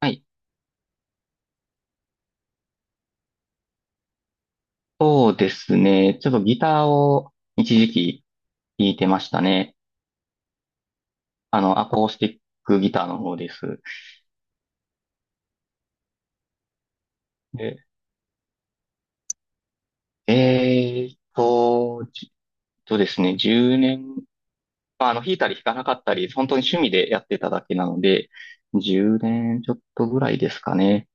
はい。そうですね。ちょっとギターを一時期弾いてましたね。あの、アコースティックギターの方です。で、じっとですね、10年、まあ、弾いたり弾かなかったり、本当に趣味でやってただけなので、10年ちょっとぐらいですかね。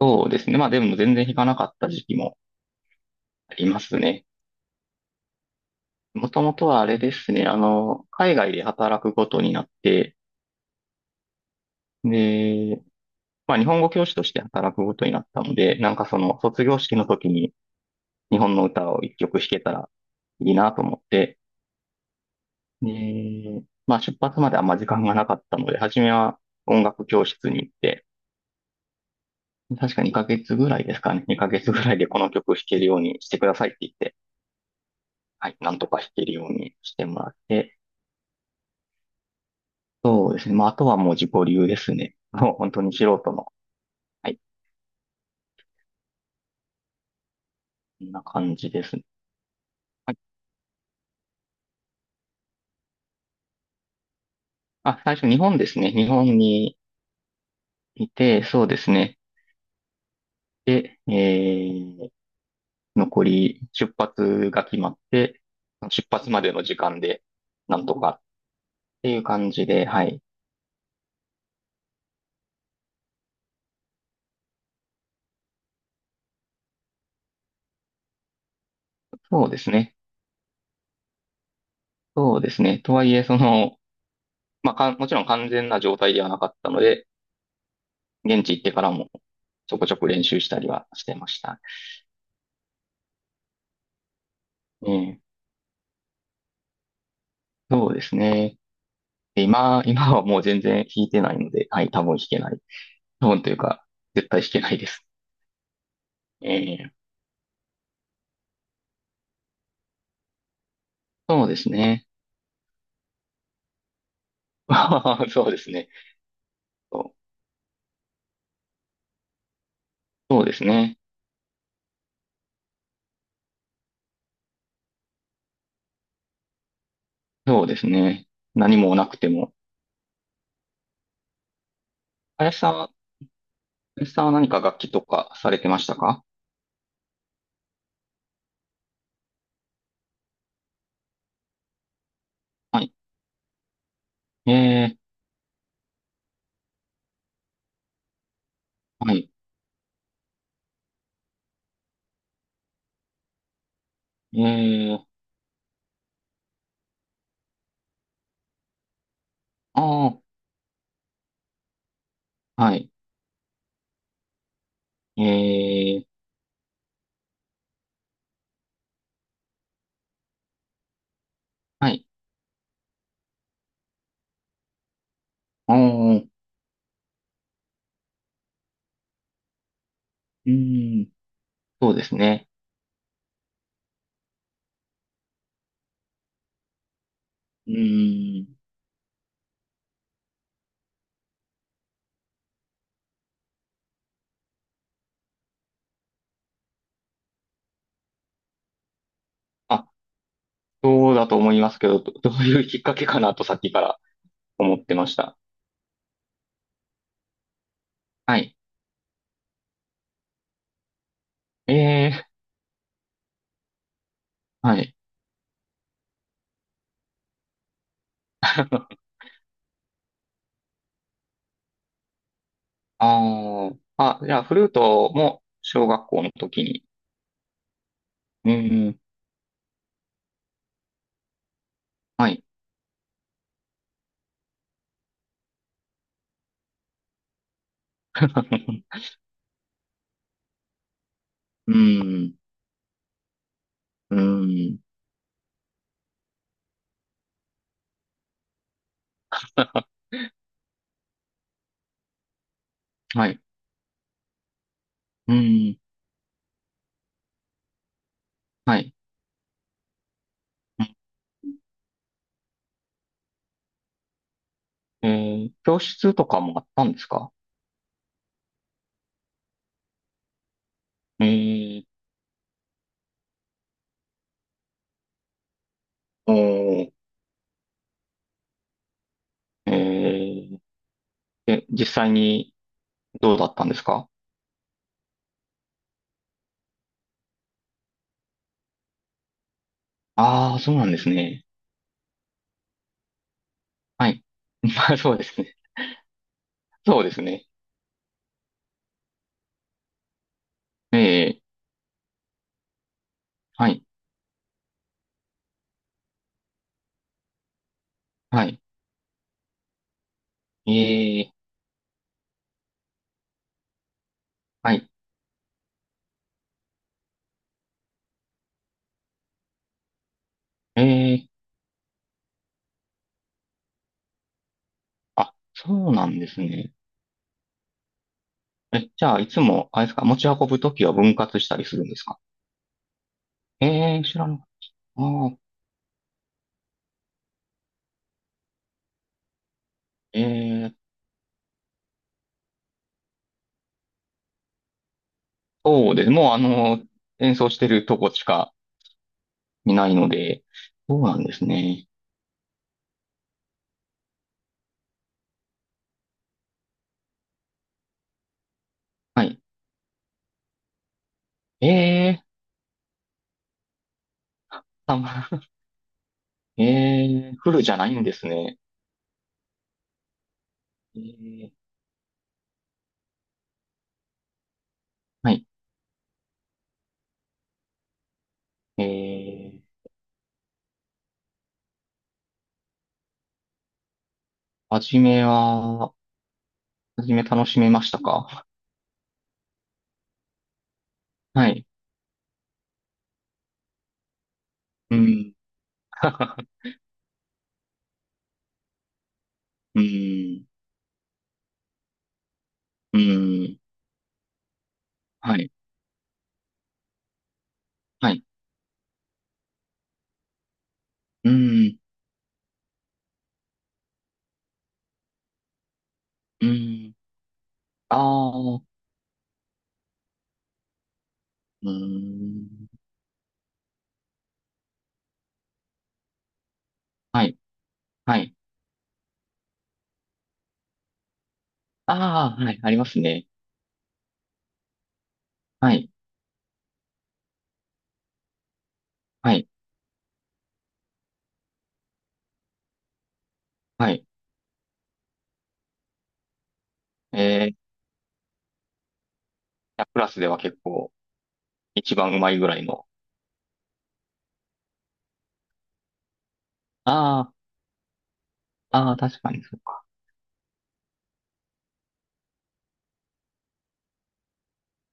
そうですね。まあでも全然弾かなかった時期もありますね。もともとはあれですね、あの、海外で働くことになって、で、まあ、日本語教師として働くことになったので、なんかその卒業式の時に日本の歌を一曲弾けたらいいなと思って、で、まあ出発まであんま時間がなかったので、初めは音楽教室に行って、確か2ヶ月ぐらいですかね、2ヶ月ぐらいでこの曲弾けるようにしてくださいって言って、はい、なんとか弾けるようにしてもらって、そうですね、まああとはもう自己流ですね。もう本当に素人の、はい、こんな感じですね。はい。あ、最初日本ですね。日本にいて、そうですね。で、残り出発が決まって、出発までの時間で、なんとかっていう感じで、はい。そうですね。そうですね。とはいえ、その、まあ、もちろん完全な状態ではなかったので、現地行ってからもちょこちょこ練習したりはしてました。ええ、そうですね。で今、今はもう全然弾いてないので、はい、多分弾けない。多分というか、絶対弾けないです。ええ、そうですね。そうですね。そうそうですね。そうですね。何もなくても。林さんは、林さんは何か楽器とかされてましたか？はい。えー、はい。えー、ああ、はい。えー、はい。ああ、うーん、そうですね。うーん。あ、そうだと思いますけど、どういうきっかけかなとさっきから思ってました。はい。えー、はい。ああ、あ、じゃあ、フルートも小学校の時に。うーん、はい。うーん、うーん。はい。うん。はい。うん。え教室とかもあったんですか？えー、おー、えー、実際にどうだったんですか？ああー、そうなんですね。はい。まあ、そうですね。そうですね。ええ、はい。はい。ええ、はい。ええ、あ、そうなんですね。え、じゃあ、いつも、あれですか、持ち運ぶときは分割したりするんですか？ええ、知らなかった。ああ、ええ、そうです。もう、あの、演奏してるとこしか、いないので、そうなんですね。はい。ええ、たま、ええ、フルじゃないんですね。ええ、はい。ええ、はじめ楽しめましたか？はい。うん。うん。うん。はい。はい。うん。うん。ああ。うん。はい。はい。ああ、はい。ありますね。はい。はい。はい。ええプラスでは結構一番うまいぐらいの。ああ。ああ、確かにそうか。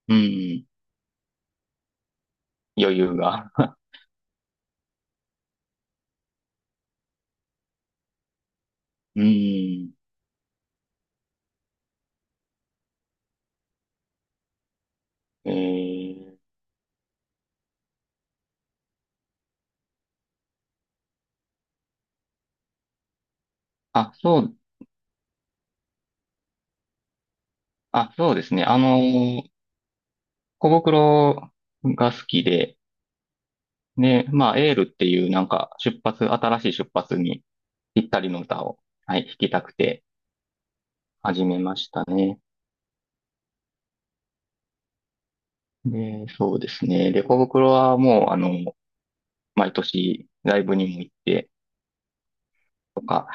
うん。余裕が。うん。えー、あ、そう、そうですね。あの、小袋が好きで、ね。まあ、エールっていうなんか新しい出発にぴったりの歌を、はい、弾きたくて始めましたね。で、そうですね。で、小袋はもう、あの、毎年ライブにも行ってとか、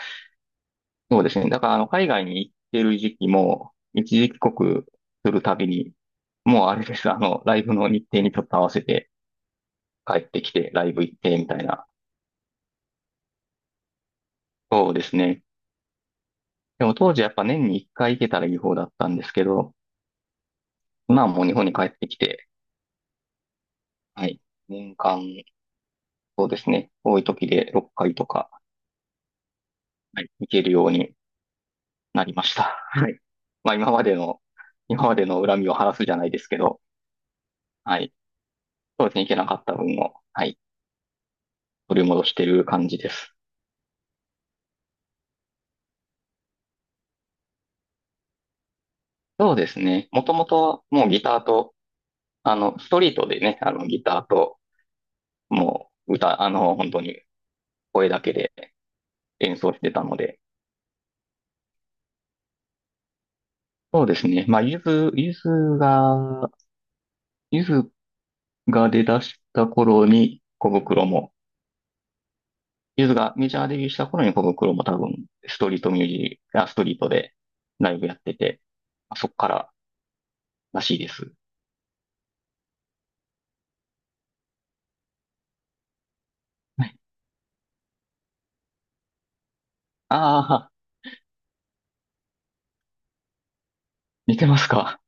そうですね。だから、あの、海外に行ってる時期も、一時帰国するたびに、もうあれです。あの、ライブの日程にちょっと合わせて帰ってきて、ライブ行って、みたいな。そうですね。でも当時やっぱ年に一回行けたらいい方だったんですけど、今はもう日本に帰ってきて、はい。年間、そうですね。多い時で6回とか、はい、行けるようになりました。はい。まあ今までの、今までの恨みを晴らすじゃないですけど、はい。そうですね。行けなかった分を、はい。取り戻してる感じです。そうですね。もともともうギターと、あの、ストリートでね、あの、ギターと、もう歌、あの、本当に声だけで演奏してたので、そうですね。まあ、が、ゆずが出だした頃に小袋も、ゆずがメジャーデビューした頃に小袋も多分、ストリートミュージック、あ、ストリートでライブやってて、まあそっかららしいです。はい、ああ、似てますか？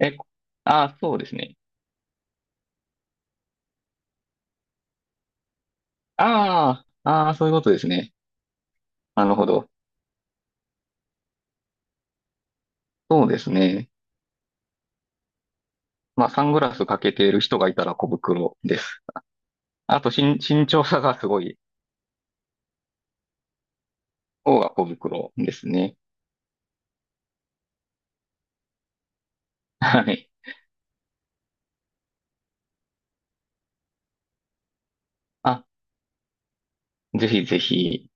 え、ああ、そうですね。ああ、ああ、そういうことですね。なるほど。そうですね。まあ、サングラスかけている人がいたら小袋です。あと、身長差がすごい方が小袋ですね。はい。あ、ぜひぜひ。